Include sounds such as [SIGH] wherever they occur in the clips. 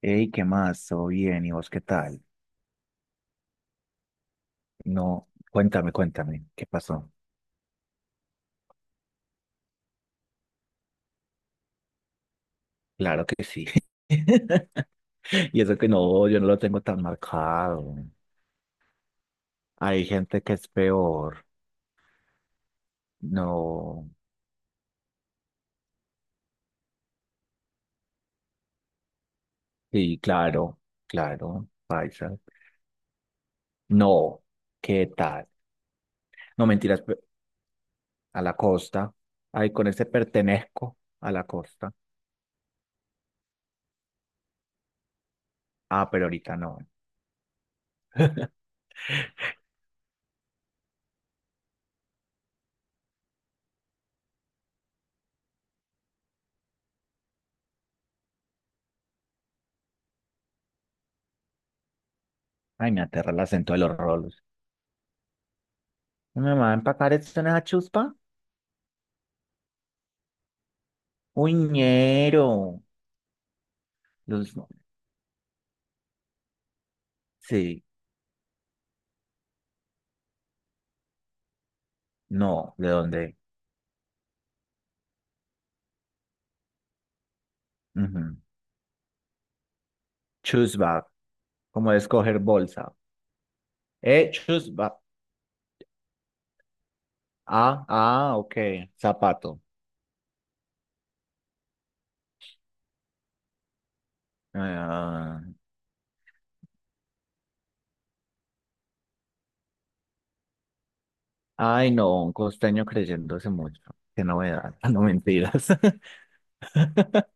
Hey, ¿qué más? ¿Todo bien? ¿Y vos qué tal? No, cuéntame, ¿qué pasó? Claro que sí. [LAUGHS] Y eso que no, yo no lo tengo tan marcado. Hay gente que es peor. No, sí, claro, claro, paisa. No, ¿qué tal? No, mentiras, a la costa. Ay, con ese pertenezco a la costa. Ah, pero ahorita no. Ay, me aterra el acento de los rolos. Mi mamá, empacar esto en esa chuspa. Uñero. Los, sí, no, ¿de dónde? Ujú. Choose bag, como de escoger bolsa. Choose bag. Ah, ah, ok, zapato. Ah, ay, no, un costeño creyéndose mucho. Qué novedad, [LAUGHS] no mentiras. [LAUGHS]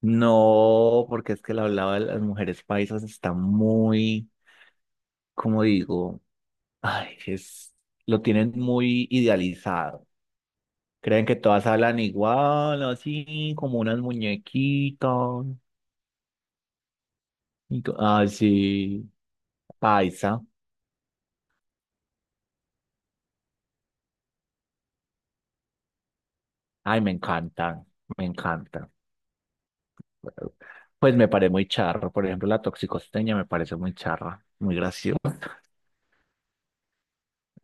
No, porque es que la hablaba de las mujeres paisas está muy, como digo, ay, es, lo tienen muy idealizado. Creen que todas hablan igual, así como unas muñequitas. Ay, sí, paisa. Ay, me encanta. Pues me parece muy charro. Por ejemplo, la toxicosteña me parece muy charra, muy graciosa.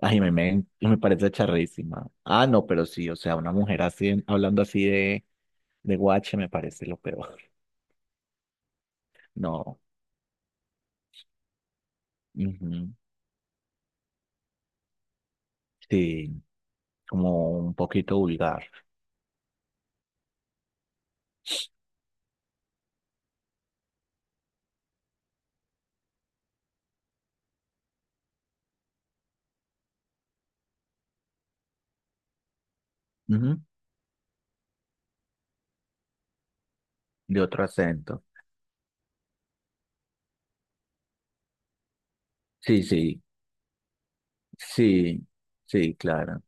Ay, me parece charrísima. Ah, no, pero sí, o sea, una mujer así, hablando así de guache me parece lo peor. [LAUGHS] No, ujú, sí, como un poquito vulgar, ujú, de otro acento. Sí, sí, sí, sí, claro.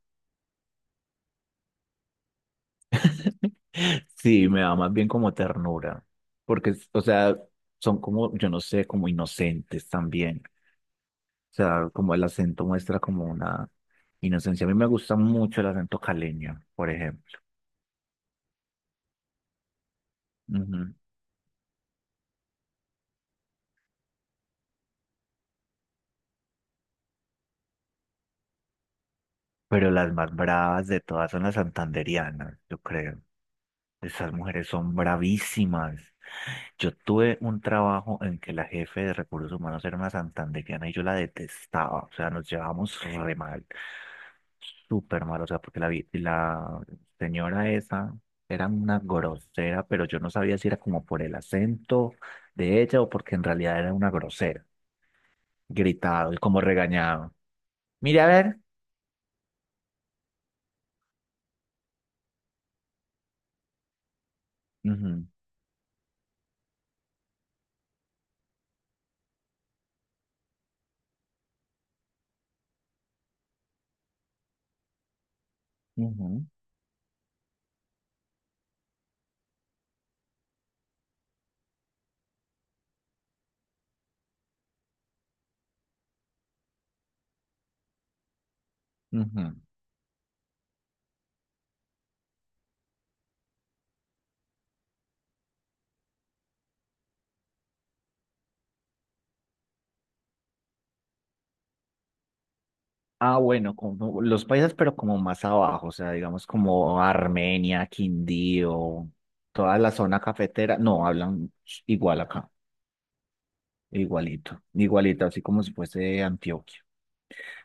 [LAUGHS] Sí, me da más bien como ternura, porque, o sea, son como, yo no sé, como inocentes también. O sea, como el acento muestra como una inocencia. A mí me gusta mucho el acento caleño, por ejemplo. Ujú. Pero las más bravas de todas son las santandereanas, yo creo. Esas mujeres son bravísimas. Yo tuve un trabajo en que la jefe de recursos humanos era una santandereana y yo la detestaba. O sea, nos llevábamos re mal. Súper mal. O sea, porque la señora esa era una grosera, pero yo no sabía si era como por el acento de ella o porque en realidad era una grosera. Gritado y como regañado. Mire, a ver. Ujú, ujú, ujú. Ah, bueno, como los países, pero como más abajo, o sea, digamos como Armenia, Quindío, toda la zona cafetera, no, hablan igual acá, igualito, igualito, así como si fuese Antioquia,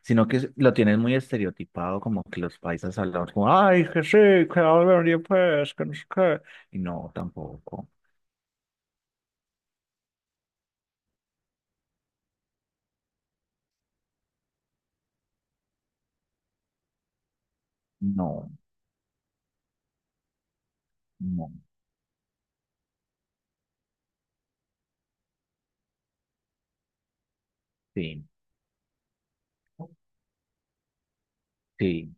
sino que lo tienen muy estereotipado, como que los paisas hablan como, ay, que sí, que hablan y pues, que no sé qué". Y no, tampoco, no, no, sí, sí,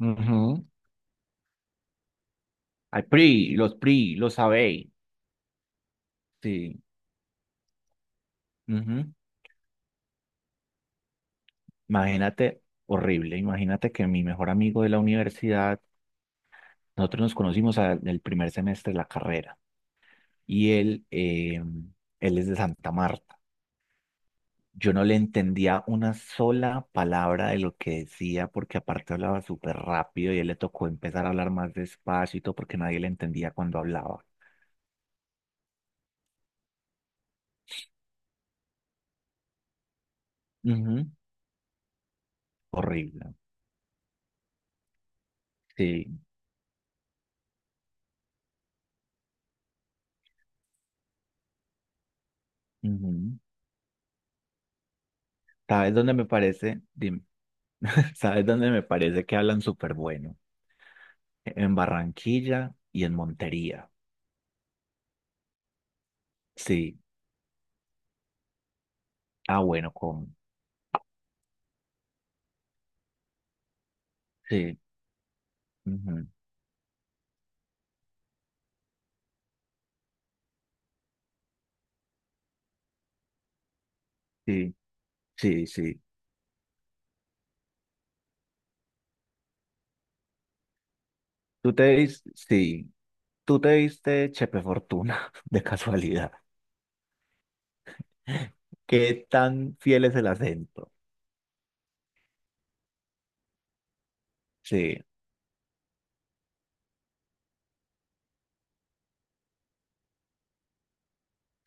ujú. Ay, PRI, los PRI, los sabéis, sí, imagínate, horrible, imagínate que mi mejor amigo de la universidad, nosotros nos conocimos en el primer semestre de la carrera y él, él es de Santa Marta. Yo no le entendía una sola palabra de lo que decía porque aparte hablaba súper rápido y él le tocó empezar a hablar más despacio y todo porque nadie le entendía cuando hablaba. Ujú, horrible, sí. Ujú. ¿Sabes dónde me parece? Dime, [LAUGHS] ¿sabes dónde me parece que hablan súper bueno? En Barranquilla y en Montería. Sí, ah, bueno, con, sí, ujú, Sí, sí. Tú te diste, sí, tú te diste Chepe Fortuna, [LAUGHS] de casualidad. ¿Qué tan fiel es el acento? Sí,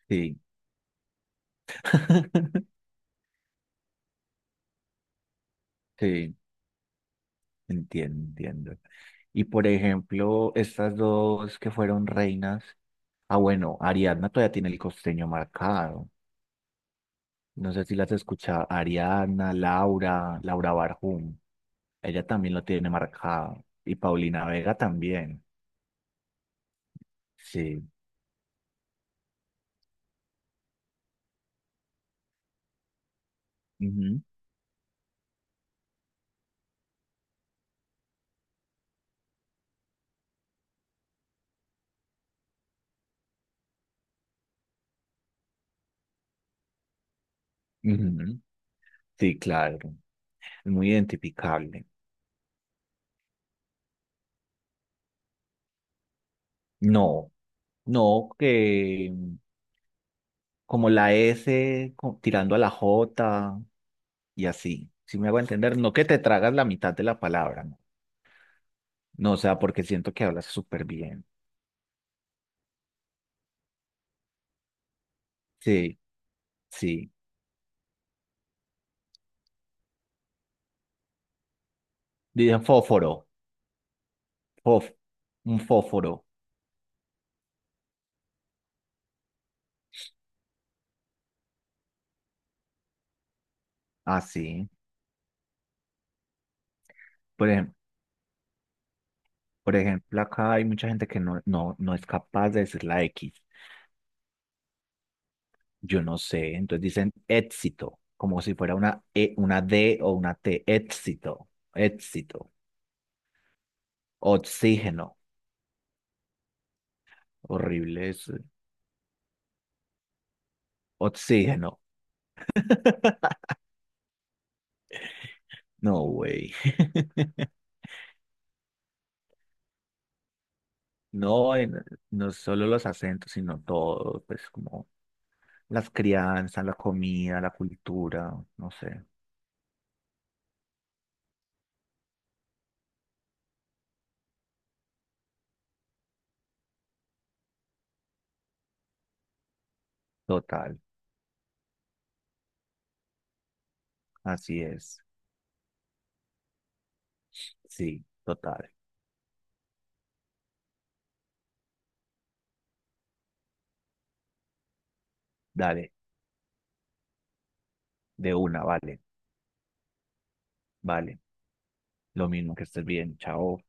sí, [LAUGHS] sí, entiendo. Y por ejemplo, estas dos que fueron reinas, ah, bueno, Ariadna todavía tiene el costeño marcado. No sé si las escucha Ariadna, Laura Barjum, ella también lo tiene marcado. Y Paulina Vega también. Sí. Ujú, ujú, sí, claro. Es muy identificable. No, no, que como la tirando a la J y así. Si me hago entender, no que te tragas la mitad de la palabra, no, no, o sea, porque siento que hablas súper bien. Sí, sí. Dicen fósforo, fof- un fósforo, así. Por ejemplo, por ejemplo, acá hay mucha gente que no es capaz de decir la X. Yo no sé, entonces dicen éxito, como si fuera una E, una D o una T, éxito, oxígeno, horrible eso, oxígeno, no, güey, [LAUGHS] no, no solo los acentos, sino todo, pues como las crianzas, la comida, la cultura, no sé, total, así es, sí, total, dale, de una, vale, vale, lo mismo que estés bien, chao.